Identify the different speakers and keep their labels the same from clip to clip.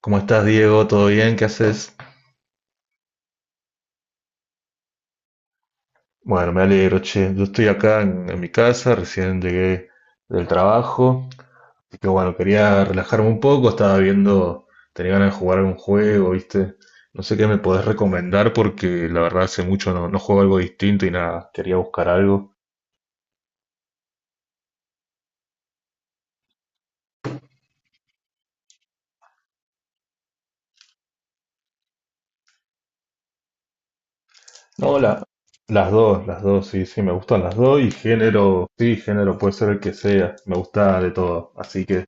Speaker 1: ¿Cómo estás, Diego? ¿Todo bien? ¿Qué haces? Bueno, me alegro, che. Yo estoy acá en mi casa, recién llegué del trabajo. Así que bueno, quería relajarme un poco, estaba viendo, tenía ganas de jugar algún juego, ¿viste? No sé qué me podés recomendar porque la verdad hace mucho no juego algo distinto y nada, quería buscar algo. No, las dos, sí, sí, me gustan las dos y género, sí, género puede ser el que sea, me gusta de todo. Así que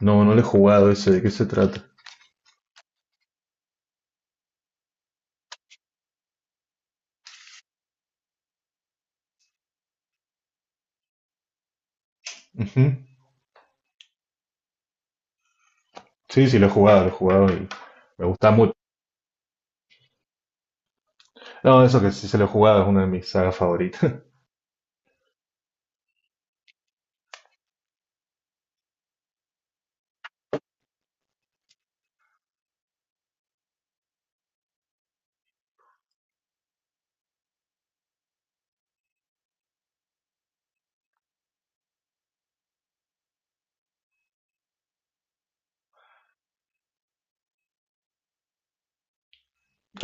Speaker 1: no, no le he jugado ese, ¿de qué se trata? Ujú. Sí, sí, lo he jugado y me gusta mucho. No, eso que sí se lo he jugado es una de mis sagas favoritas.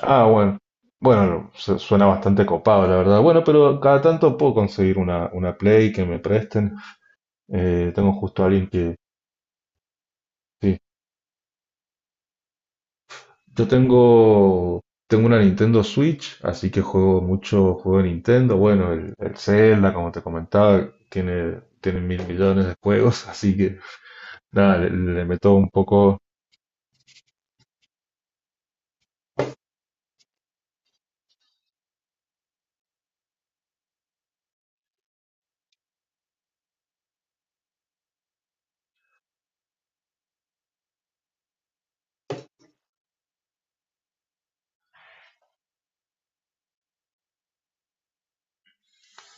Speaker 1: Ah, bueno. Bueno, suena bastante copado, la verdad. Bueno, pero cada tanto puedo conseguir una Play que me presten. Tengo justo a alguien que... Sí, yo tengo, tengo una Nintendo Switch, así que juego mucho juego de Nintendo. Bueno, el Zelda, como te comentaba, tiene mil millones de juegos, así que nada, le meto un poco.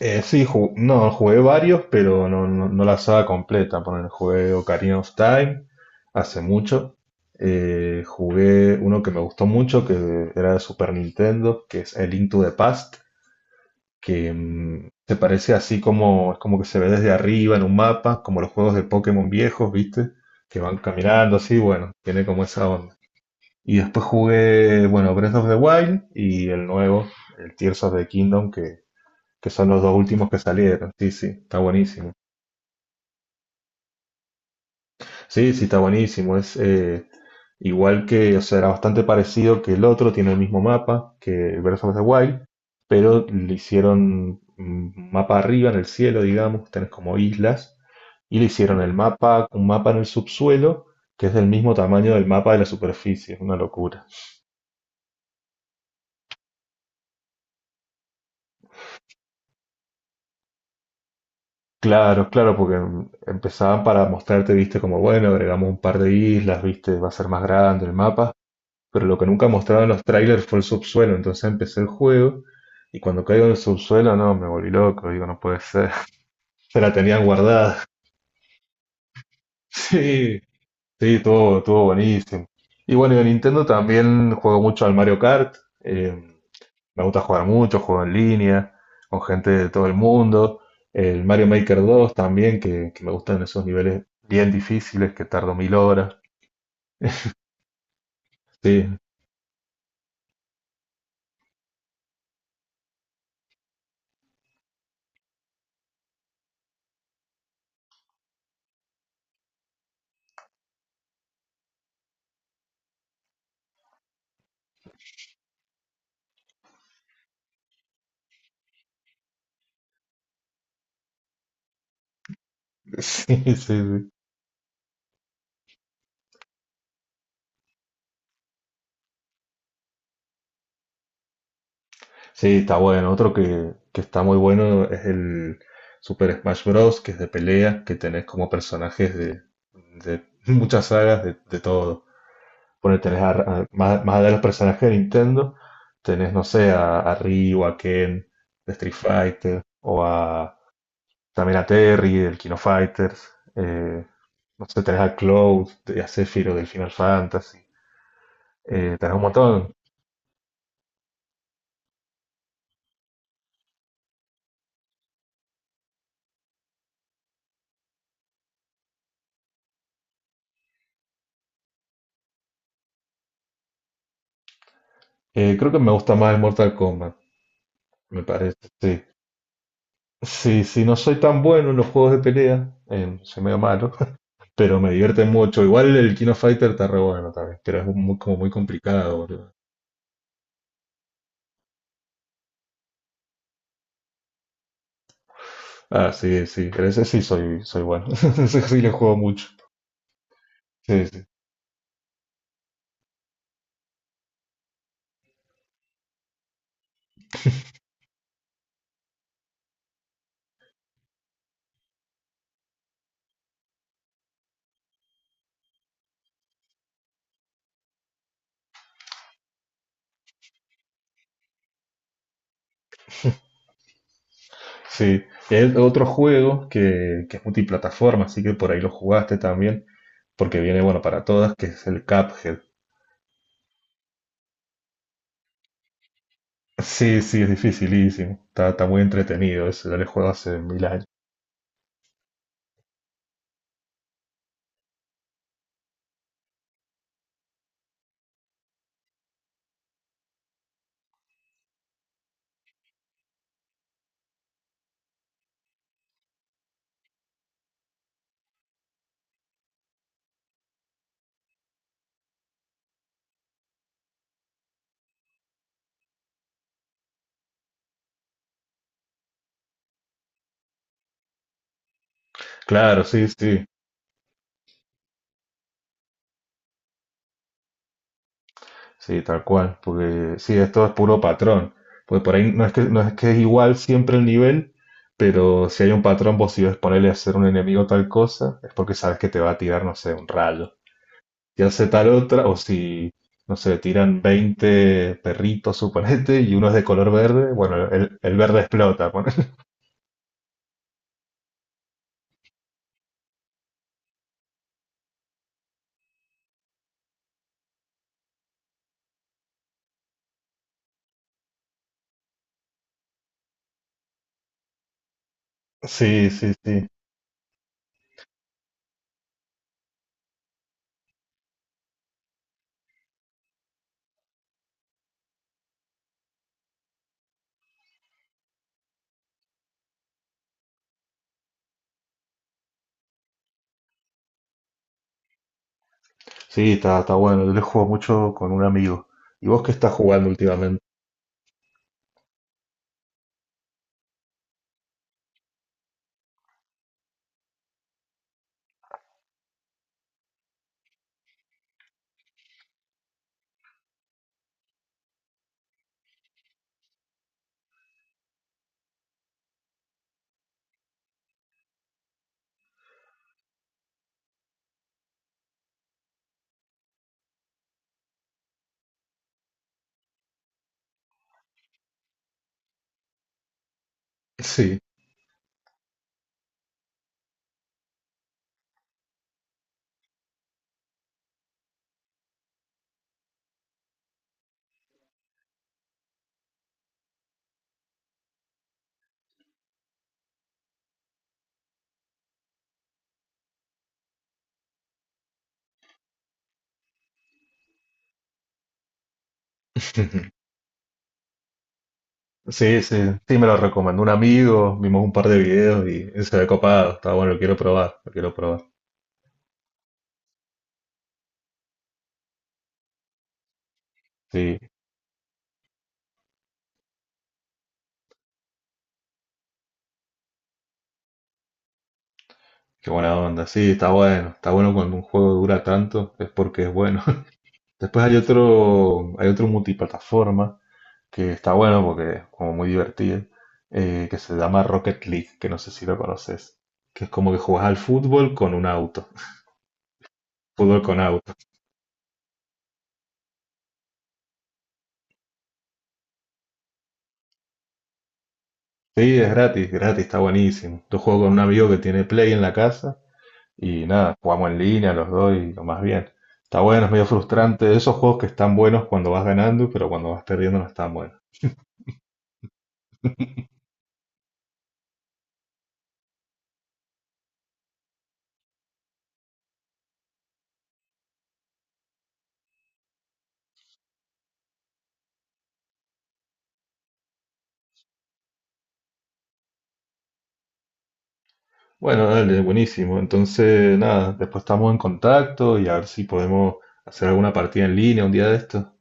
Speaker 1: No, jugué varios, pero no la saga completa. Poner, jugué Ocarina of Time hace mucho. Jugué uno que me gustó mucho, que era de Super Nintendo, que es el Link to the Past, que se parece así como, es como que se ve desde arriba en un mapa, como los juegos de Pokémon viejos, ¿viste? Que van caminando así, bueno, tiene como esa onda. Y después jugué, bueno, Breath of the Wild y el nuevo, el Tears of the Kingdom, que son los dos últimos que salieron. Sí, sí, está buenísimo. Sí, sí, está buenísimo. Es igual que, o sea, era bastante parecido que el otro, tiene el mismo mapa que Breath of the Wild, pero le hicieron un mapa arriba en el cielo, digamos, tenés como islas, y le hicieron el mapa, un mapa en el subsuelo, que es del mismo tamaño del mapa de la superficie, es una locura. Claro, claro, porque empezaban para mostrarte, viste, como bueno, agregamos un par de islas, viste, va a ser más grande el mapa, pero lo que nunca mostraron los trailers fue el subsuelo, entonces empecé el juego y cuando caigo en el subsuelo, no, me volví loco, digo, no puede ser. Se la tenían guardada. Sí, sí, todo, estuvo buenísimo. Y bueno, en Nintendo también juego mucho al Mario Kart, eh, me gusta jugar mucho, juego en línea, con gente de todo el mundo, el Mario Maker 2 también, que me gustan esos niveles bien difíciles que tardo mil horas. Sí, sí, sí, sí. Sí, está bueno. Otro que está muy bueno es el Super Smash Bros., que es de pelea, que tenés como personajes de muchas sagas, de todo. Bueno, más, más allá de los personajes de Nintendo, tenés, no sé, a Ryu, a Ken, de Street Fighter, o a también a Terry, del Kino Fighters, eh, no sé, tenés a Cloud, a Sephiroth del Final Fantasy, tenés un montón. Creo que me gusta más el Mortal Kombat, me parece, sí. Sí, sí, no soy tan bueno en los juegos de pelea, soy medio malo, pero me divierte mucho. Igual el Kino Fighter está re bueno también, pero es muy, como muy complicado, boludo. Ah, sí, sí, pero ese sí soy, soy bueno, ese sí le juego mucho. Sí, sí, sí. Y hay otro juego que es multiplataforma, así que por ahí lo jugaste también, porque viene bueno para todas, que es el Cuphead. Sí, sí, es dificilísimo. Está muy entretenido, ese yo le juego hace mil años. Claro, sí, sí. Sí, tal cual, porque sí, esto es puro patrón. Pues por ahí no es que es igual siempre el nivel, pero si hay un patrón, vos si ves ponerle a hacer un enemigo tal cosa, es porque sabes que te va a tirar, no sé, un rayo. Si hace tal otra, o si, no sé, tiran 20 perritos, suponete, y uno es de color verde, bueno, el verde explota. Ponele. Sí, sí, sí. Sí, está bueno. Yo le juego mucho con un amigo. ¿Y vos qué estás jugando últimamente? Sí. Sí, sí, sí, me lo recomendó un amigo, vimos un par de videos y se ve copado, está bueno, lo quiero probar. Sí, qué buena onda, sí, está bueno cuando un juego dura tanto, es porque es bueno. Después hay otro multiplataforma que está bueno porque es como muy divertido, que se llama Rocket League, que no sé si lo conoces, que es como que jugás al fútbol con un auto, fútbol con auto. Sí, es gratis, gratis, está buenísimo. Yo juego con un amigo que tiene Play en la casa. Y nada, jugamos en línea los dos y lo más bien. Está bueno, es medio frustrante. Esos juegos que están buenos cuando vas ganando, pero cuando vas perdiendo no están buenos. Bueno, dale, buenísimo. Entonces, nada, después estamos en contacto y a ver si podemos hacer alguna partida en línea un día de esto.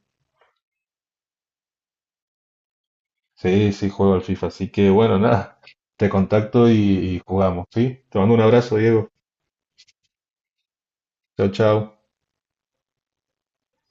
Speaker 1: Sí, sí, juego al FIFA. Así que, bueno, nada, te contacto y, y jugamos, ¿sí? Te mando un abrazo, Diego. Chao, chao.